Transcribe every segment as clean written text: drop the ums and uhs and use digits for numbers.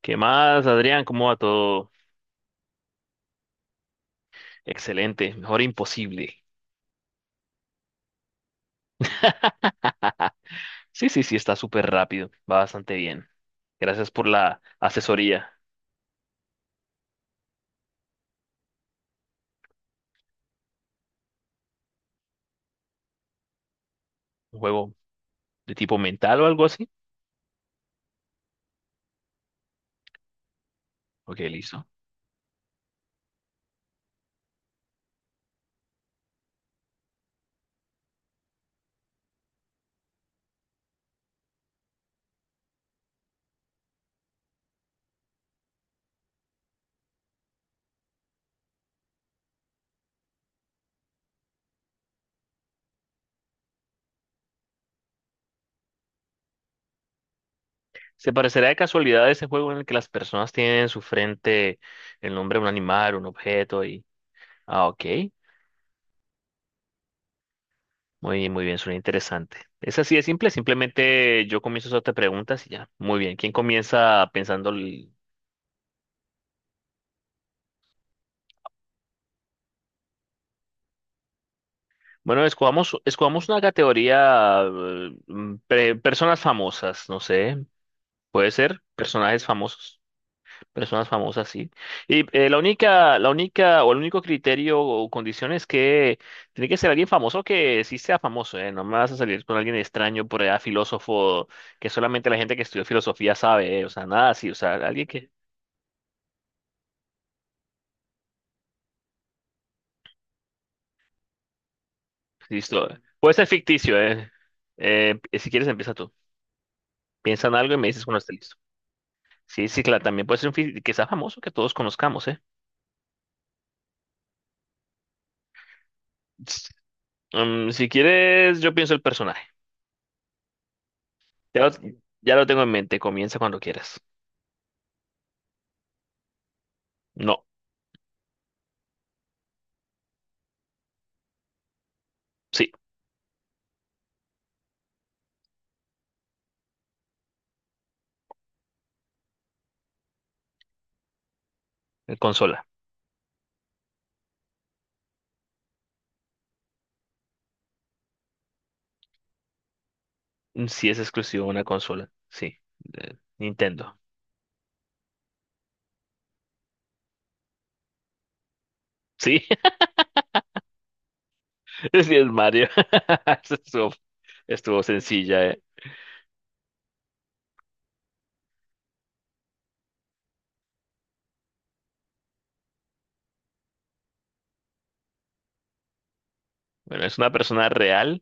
¿Qué más, Adrián? ¿Cómo va todo? Excelente, mejor imposible. Sí, sí, sí, está súper rápido, va bastante bien. Gracias por la asesoría. ¿Un juego de tipo mental o algo así? Ok, listo. ¿Se parecerá de casualidad a ese juego en el que las personas tienen en su frente el nombre de un animal, un objeto y... Ah, ok. Muy bien, suena interesante. Es así de simple, simplemente yo comienzo a hacerte preguntas y ya. Muy bien, ¿quién comienza pensando el? Bueno, escogamos una categoría, personas famosas, no sé, puede ser, personajes famosos, personas famosas, sí. Y la única, o el único criterio o condición es que tiene que ser alguien famoso que sí sea famoso, ¿eh? No me vas a salir con alguien extraño por allá, filósofo, que solamente la gente que estudió filosofía sabe, ¿eh? O sea, nada así, o sea, alguien que, listo, puede ser ficticio, ¿eh? Si quieres, empieza tú, piensa en algo y me dices cuando estés listo. Sí, sí, claro, también puede ser un que sea famoso que todos conozcamos, ¿eh? Si quieres, yo pienso el personaje. Ya lo, ya lo tengo en mente, comienza cuando quieras. No, sí, consola. Sí, es exclusivo de una consola, sí, de Nintendo. Sí, sí, es Mario. Eso estuvo sencilla, ¿eh? Bueno, es una persona real.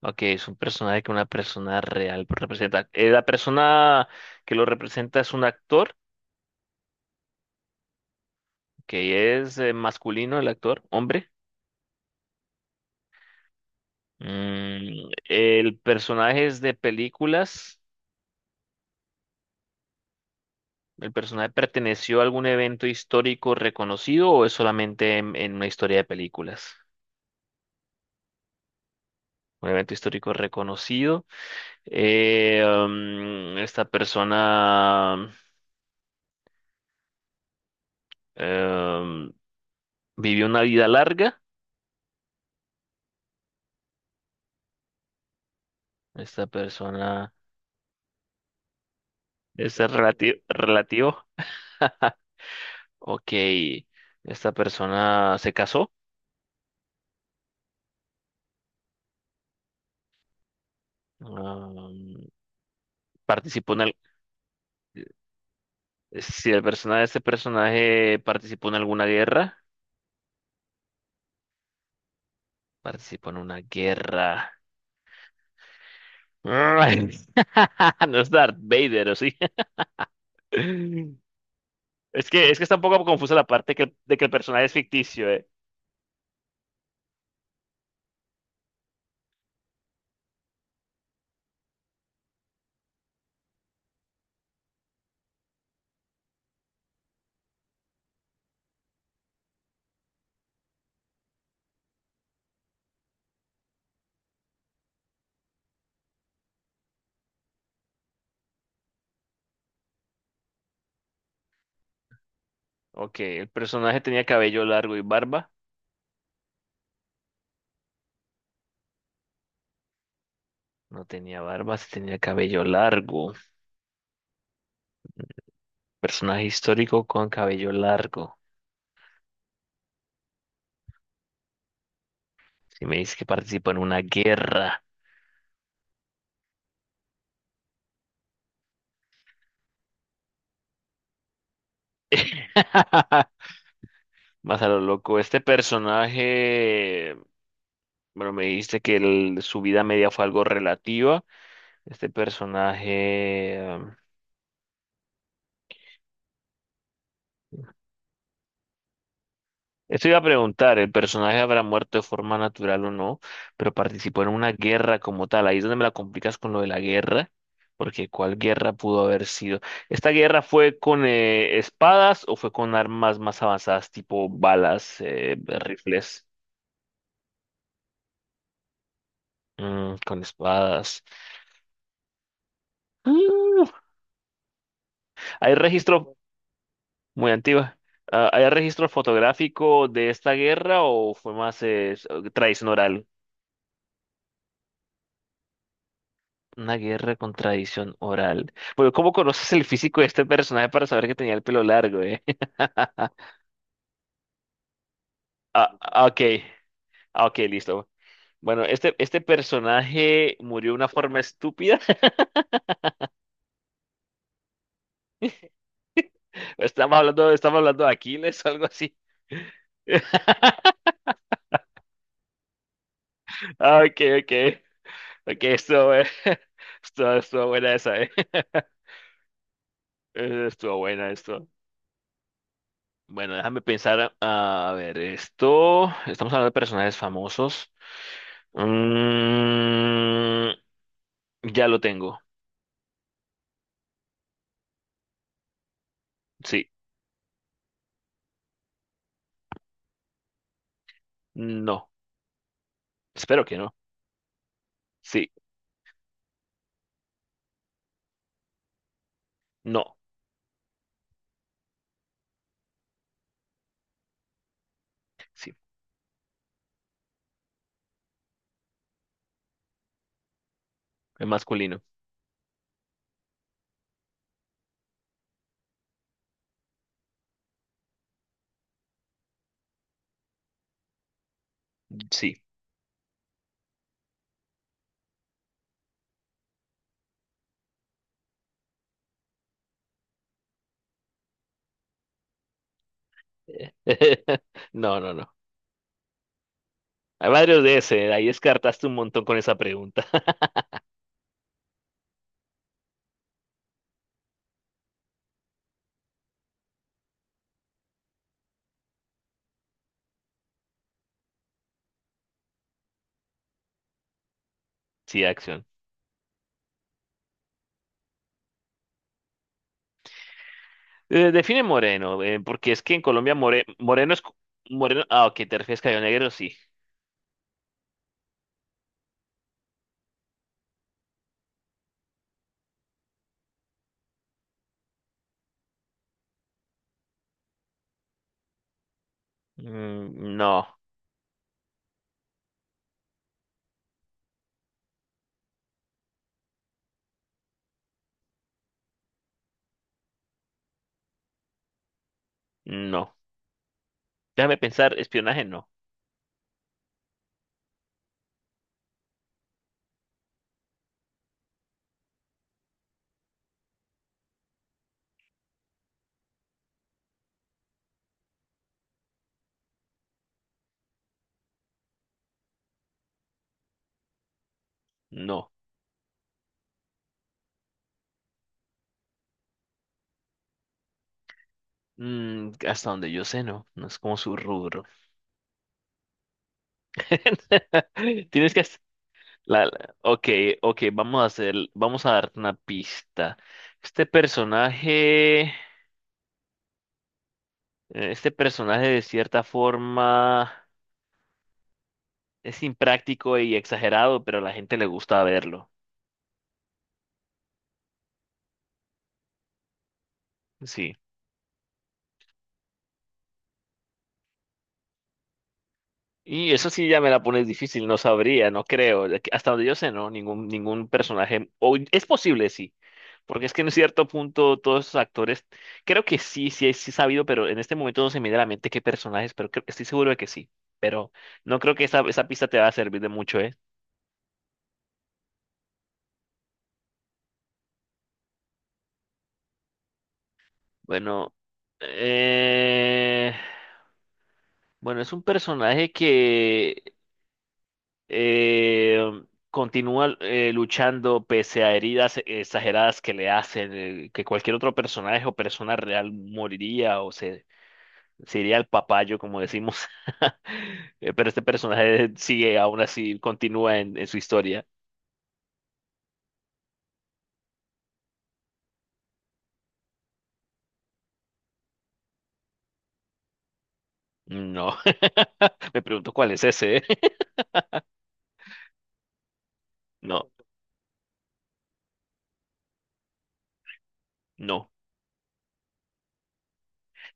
Ok, es un personaje que una persona real representa. La persona que lo representa es un actor, que es masculino, el actor, hombre. El personaje es de películas. ¿El personaje perteneció a algún evento histórico reconocido o es solamente en una historia de películas? Un evento histórico reconocido. Esta persona em, vivió una vida larga. Esta persona, este, es relativo. Relativo. Ok. Esta persona se casó. Um, Participó en. Si el personaje de este personaje participó en alguna guerra, participó en una guerra. Ay, no es Darth Vader, ¿o sí? Es que está un poco confusa la parte de que el personaje es ficticio, ¿eh? Ok, el personaje tenía cabello largo y barba. No tenía barba, sí tenía cabello largo. Personaje histórico con cabello largo. Si me dices que participó en una guerra. Más a lo loco, este personaje. Bueno, me dijiste que su vida media fue algo relativa. Este personaje... em, Esto iba a preguntar, ¿el personaje habrá muerto de forma natural o no? Pero participó en una guerra como tal. Ahí es donde me la complicas con lo de la guerra, porque ¿cuál guerra pudo haber sido? ¿Esta guerra fue con espadas o fue con armas más avanzadas, tipo balas, rifles? Con espadas. Mm. ¿Hay registro? Muy antigua. Ah, ¿hay registro fotográfico de esta guerra o fue más tradición oral? Una guerra con tradición oral. Bueno, ¿cómo conoces el físico de este personaje para saber que tenía el pelo largo, eh? Ah, ah, ok. Ah, ok, listo. Bueno, este personaje murió de una forma estúpida. Estamos hablando de Aquiles o algo así. Ah, ok, ok. Ok. Estuvo buena esa, eh. Estuvo buena, esto. Bueno, déjame pensar. A ver, esto. Estamos hablando de personajes famosos. Mm, ya lo tengo. Sí. No. Espero que no. Sí. No. Sí. Es masculino. Sí. No, no, no. Hay varios de ese. Ahí descartaste un montón con esa pregunta. Sí, acción. Define moreno, porque es que en Colombia moreno es. Moreno. Ah, ok, ¿te refieres a cabello negro? Sí. Mm, no, no. Déjame pensar, espionaje no. No. Mm, hasta donde yo sé, no. No es como su rubro. Tienes que. Ok, ok, vamos a darte una pista. Este personaje... eh, Este personaje de cierta forma es impráctico y exagerado, pero a la gente le gusta verlo. Sí. Y eso sí ya me la pones difícil, no sabría, no creo. Hasta donde yo sé, no, ningún personaje. O es posible, sí. Porque es que en cierto punto todos esos actores, creo que sí, sí, sí he sabido, pero en este momento no se me viene a la mente qué personajes, pero estoy seguro de que sí. Pero no creo que esa pista te va a servir de mucho, ¿eh? Bueno, eh, bueno, es un personaje que Eh, continúa luchando pese a heridas exageradas que le hacen, que cualquier otro personaje o persona real moriría o se iría al papayo, como decimos. Pero este personaje sigue, aún así, continúa en su historia. No. Me pregunto cuál es ese. No, no.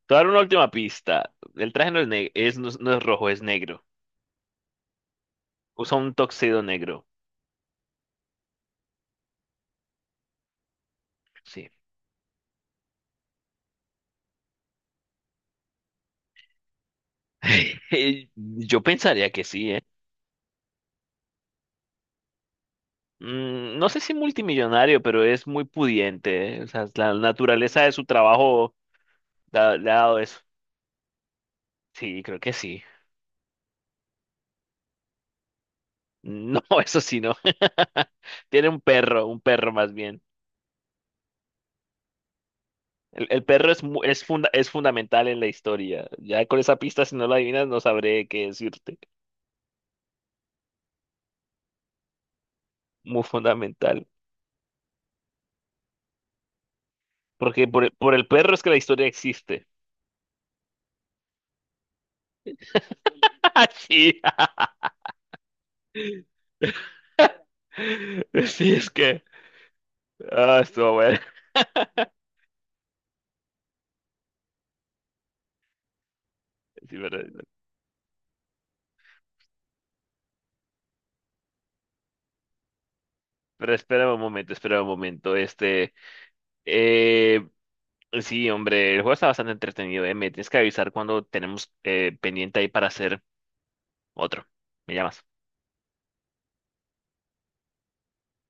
Te voy a dar una última pista. El traje no es rojo, es negro. Usa un tuxedo negro. Sí. Yo pensaría que sí, ¿eh? No sé si multimillonario, pero es muy pudiente, ¿eh? O sea, la naturaleza de su trabajo le ha dado eso. Sí, creo que sí. No, eso sí, no. Tiene un perro más bien. El perro es fundamental en la historia. Ya con esa pista, si no la adivinas, no sabré qué decirte. Muy fundamental. Porque por el perro es que la historia existe. Sí, sí, es que. Ah, estuvo bueno. Sí, pero espera un momento, espera un momento. Este. Eh, sí, hombre, el juego está bastante entretenido, eh. Me tienes que avisar cuando tenemos pendiente ahí para hacer otro. Me llamas.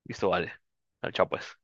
Listo, vale. Chao, pues.